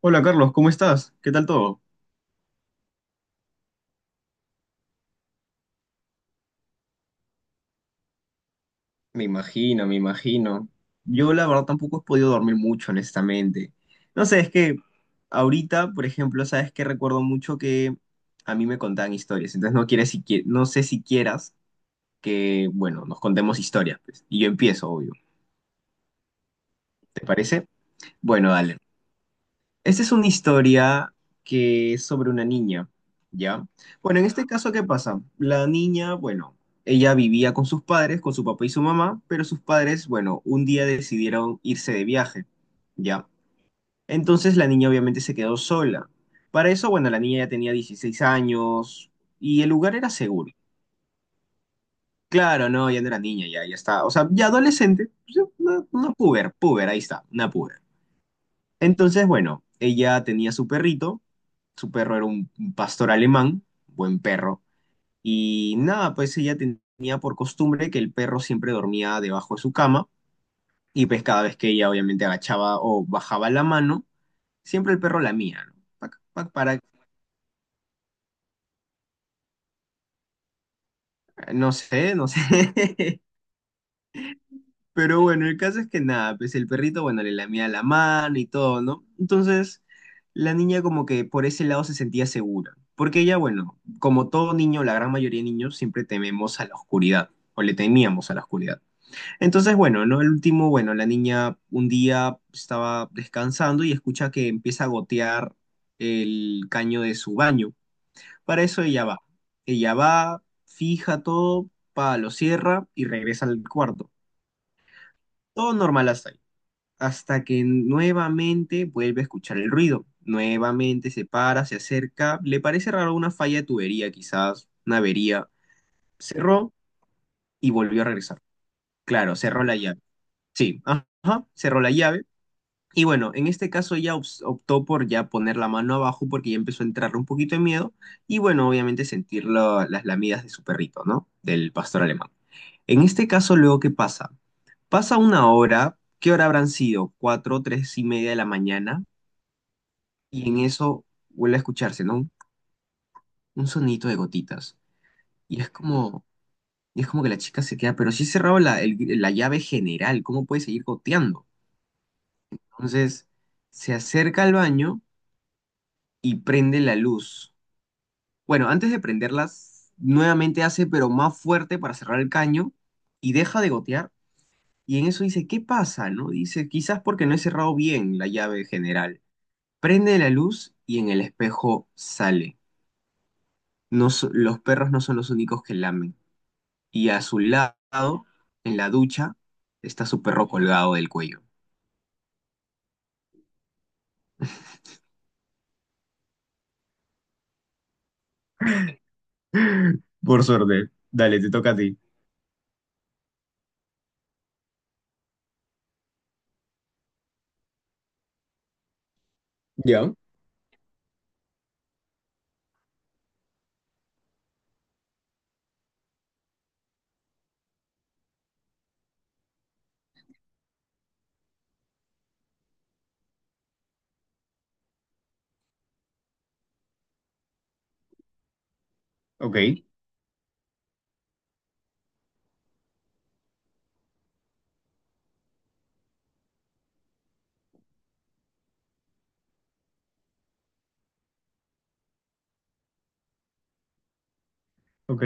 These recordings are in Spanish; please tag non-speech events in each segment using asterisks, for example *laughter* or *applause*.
Hola Carlos, ¿cómo estás? ¿Qué tal todo? Me imagino, me imagino. Yo la verdad tampoco he podido dormir mucho, honestamente. No sé, es que ahorita, por ejemplo, sabes que recuerdo mucho que a mí me contaban historias, entonces no quieres siqui- no sé si quieras que, bueno, nos contemos historias, pues. Y yo empiezo, obvio. ¿Te parece? Bueno, dale. Esta es una historia que es sobre una niña, ¿ya? Bueno, en este caso, ¿qué pasa? La niña, bueno, ella vivía con sus padres, con su papá y su mamá, pero sus padres, bueno, un día decidieron irse de viaje, ¿ya? Entonces la niña obviamente se quedó sola. Para eso, bueno, la niña ya tenía 16 años y el lugar era seguro. Claro, no, ya no era niña, ya, ya está. O sea, ya adolescente, pues, una puber, puber, ahí está, una puber. Entonces, bueno, ella tenía su perrito, su perro era un pastor alemán, buen perro, y nada, pues ella ten- tenía por costumbre que el perro siempre dormía debajo de su cama, y pues cada vez que ella obviamente agachaba o bajaba la mano, siempre el perro lamía, ¿no? Pac, pac, para, no sé, no sé. *laughs* Pero bueno, el caso es que nada, pues el perrito, bueno, le lamía la mano y todo, ¿no? Entonces, la niña como que por ese lado se sentía segura, porque ella, bueno, como todo niño, la gran mayoría de niños, siempre tememos a la oscuridad, o le temíamos a la oscuridad. Entonces, bueno, ¿no? El último, bueno, la niña un día estaba descansando y escucha que empieza a gotear el caño de su baño. Para eso ella va. Ella va, fija todo, pa, lo cierra y regresa al cuarto. Todo normal hasta ahí hasta que nuevamente vuelve a escuchar el ruido. Nuevamente se para, se acerca, le parece raro una falla de tubería, quizás una avería. Cerró y volvió a regresar. Claro, cerró la llave. Sí, ajá, cerró la llave. Y bueno, en este caso ella ops- optó por ya poner la mano abajo porque ya empezó a entrarle un poquito de miedo y bueno, obviamente sentir la- las lamidas de su perrito, ¿no? Del pastor alemán. En este caso, luego, ¿qué pasa? Pasa una hora, ¿qué hora habrán sido? Cuatro, tres y media de la mañana. Y en eso vuelve a escucharse, ¿no? Un sonito de gotitas. Y es como, y es como que la chica se queda, pero si he cerrado la, el- la llave general, ¿cómo puede seguir goteando? Entonces se acerca al baño y prende la luz. Bueno, antes de prenderlas, nuevamente hace, pero más fuerte para cerrar el caño y deja de gotear. Y en eso dice, ¿qué pasa? ¿No? Dice, quizás porque no he cerrado bien la llave general. Prende la luz y en el espejo sale. No, so- los perros no son los únicos que lamen. Y a su lado, en la ducha, está su perro colgado del cuello. Por suerte. Dale, te toca a ti. Ya. Ok, ok.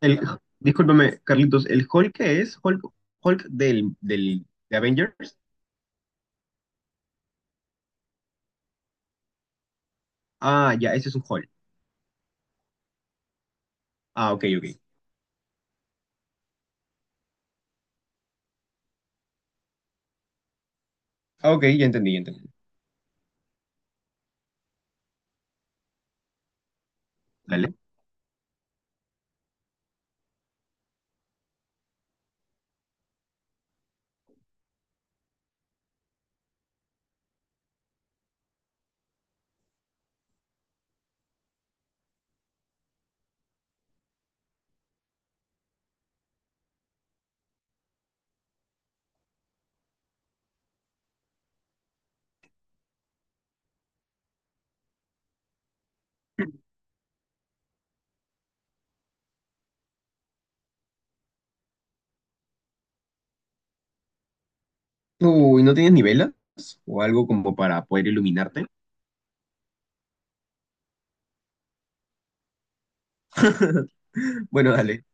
El, discúlpame, Carlitos, ¿el Hulk qué es? ¿Hulk, Hulk del, del, de Avengers? Ah, ya, ese es un Hulk. Ah, ok, ok. Ah, ok, ya entendí, ya entendí. Dale. Uy, ¿no tienes ni velas? ¿O algo como para poder iluminarte? *laughs* Bueno, dale.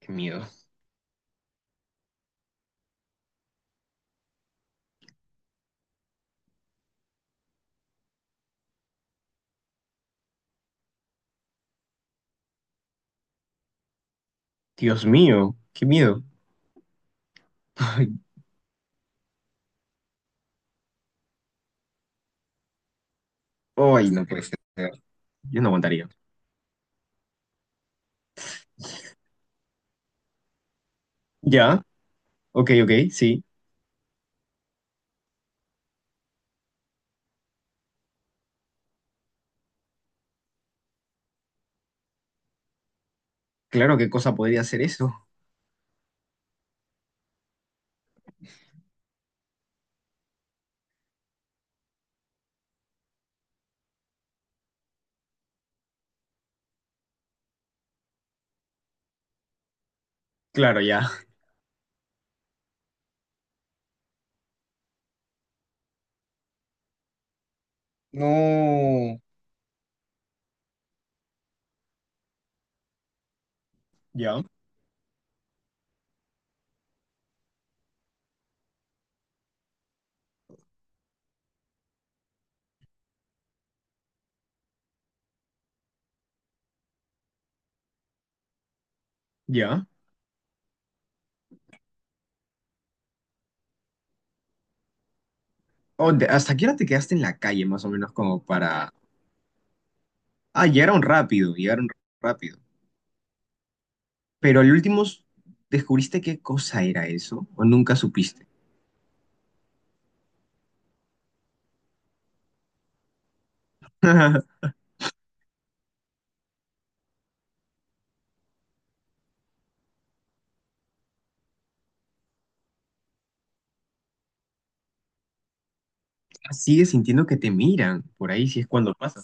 Qué miedo. Dios mío, qué miedo. Ay, ay, no puede ser. Yo no aguantaría. Ya, ok, ok, sí. Claro, ¿qué cosa podría ser eso? *laughs* Claro, ya, no, ya, ya. Oh, de- ¿hasta qué hora te quedaste en la calle, más o menos, como para... Ah, llegaron rápido, llegaron rápido. Pero al último, ¿descubriste qué cosa era eso? ¿O nunca supiste? *laughs* Sigues sintiendo que te miran por ahí, si es cuando pasa.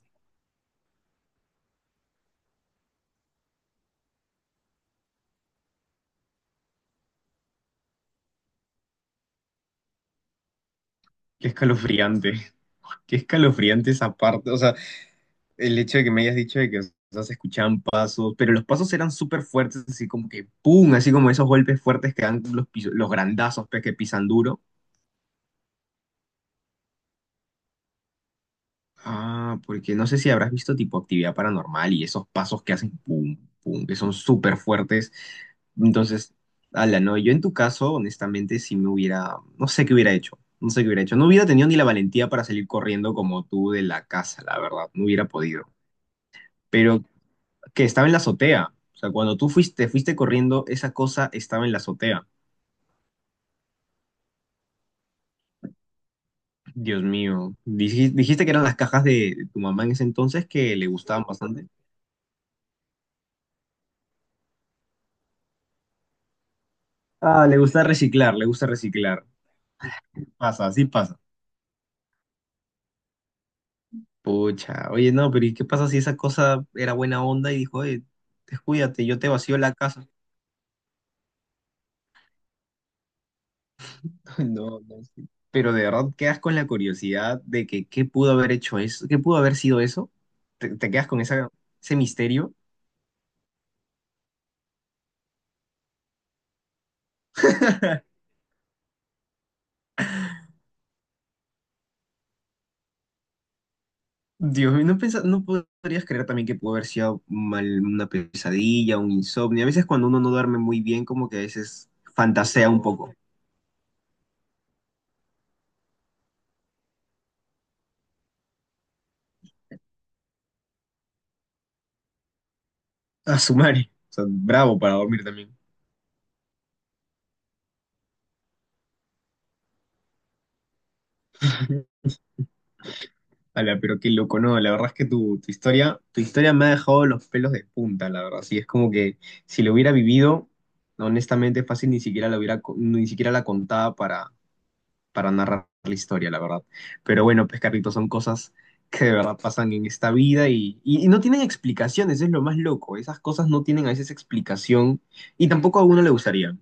Qué escalofriante, *laughs* qué escalofriante esa parte. O sea, el hecho de que me hayas dicho de que, o sea, se escuchaban pasos, pero los pasos eran súper fuertes, así como que ¡pum! Así como esos golpes fuertes que dan los, piso- los grandazos pues, que pisan duro. Ah, porque no sé si habrás visto tipo actividad paranormal y esos pasos que hacen ¡pum! ¡Pum! Que son súper fuertes. Entonces, ala, no, yo en tu caso, honestamente, si me hubiera, no sé qué hubiera hecho, no sé qué hubiera hecho. No hubiera tenido ni la valentía para salir corriendo como tú de la casa, la verdad, no hubiera podido. Pero que estaba en la azotea. O sea, cuando tú fuiste, fuiste corriendo, esa cosa estaba en la azotea. Dios mío. Dijis- Dijiste, que eran las cajas de tu mamá en ese entonces que le gustaban bastante. Ah, le gusta reciclar, le gusta reciclar. Pasa, así pasa. Pucha, oye, no, pero ¿y qué pasa si esa cosa era buena onda y dijo, oye, descuídate, yo te vacío la casa? *laughs* No, no, sí. Pero de verdad quedas con la curiosidad de que qué pudo haber hecho eso, qué pudo haber sido eso. Te quedas con esa, ese misterio. *laughs* Dios mío, no pensa- no podrías creer también que pudo haber sido mal, una pesadilla, un insomnio. A veces cuando uno no duerme muy bien, como que a veces fantasea un poco. A su madre. O sea, bravo para dormir también. *laughs* Ala, pero qué loco, no, la verdad es que tu, tu historia me ha dejado los pelos de punta, la verdad. Sí, es como que si lo hubiera vivido, honestamente fácil ni siquiera la hubiera, co- ni siquiera la contaba para. Para narrar la historia, la verdad. Pero bueno, pues Carlitos, son cosas que de verdad pasan en esta vida y no tienen explicaciones, es lo más loco. Esas cosas no tienen a veces explicación y tampoco a uno le gustaría.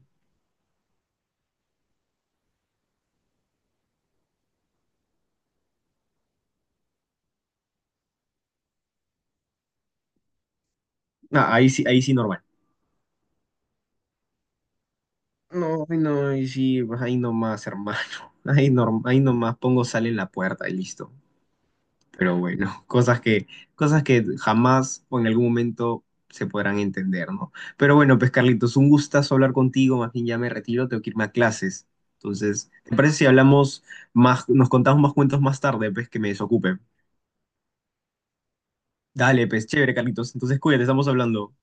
Ah, ahí sí normal. No, ay, no, ahí sí, pues ahí nomás, hermano. *laughs* Ahí, norm ahí nomás pongo sal en la puerta y listo. Pero bueno, *laughs* cosas que jamás o en algún momento se podrán entender, ¿no? Pero bueno, pues Carlitos, un gustazo hablar contigo, más bien ya me retiro, tengo que irme a clases. Entonces, ¿te parece si hablamos más, nos contamos más cuentos más tarde, pues que me desocupe? Dale, pues chévere, Carlitos. Entonces, cuídate, estamos hablando.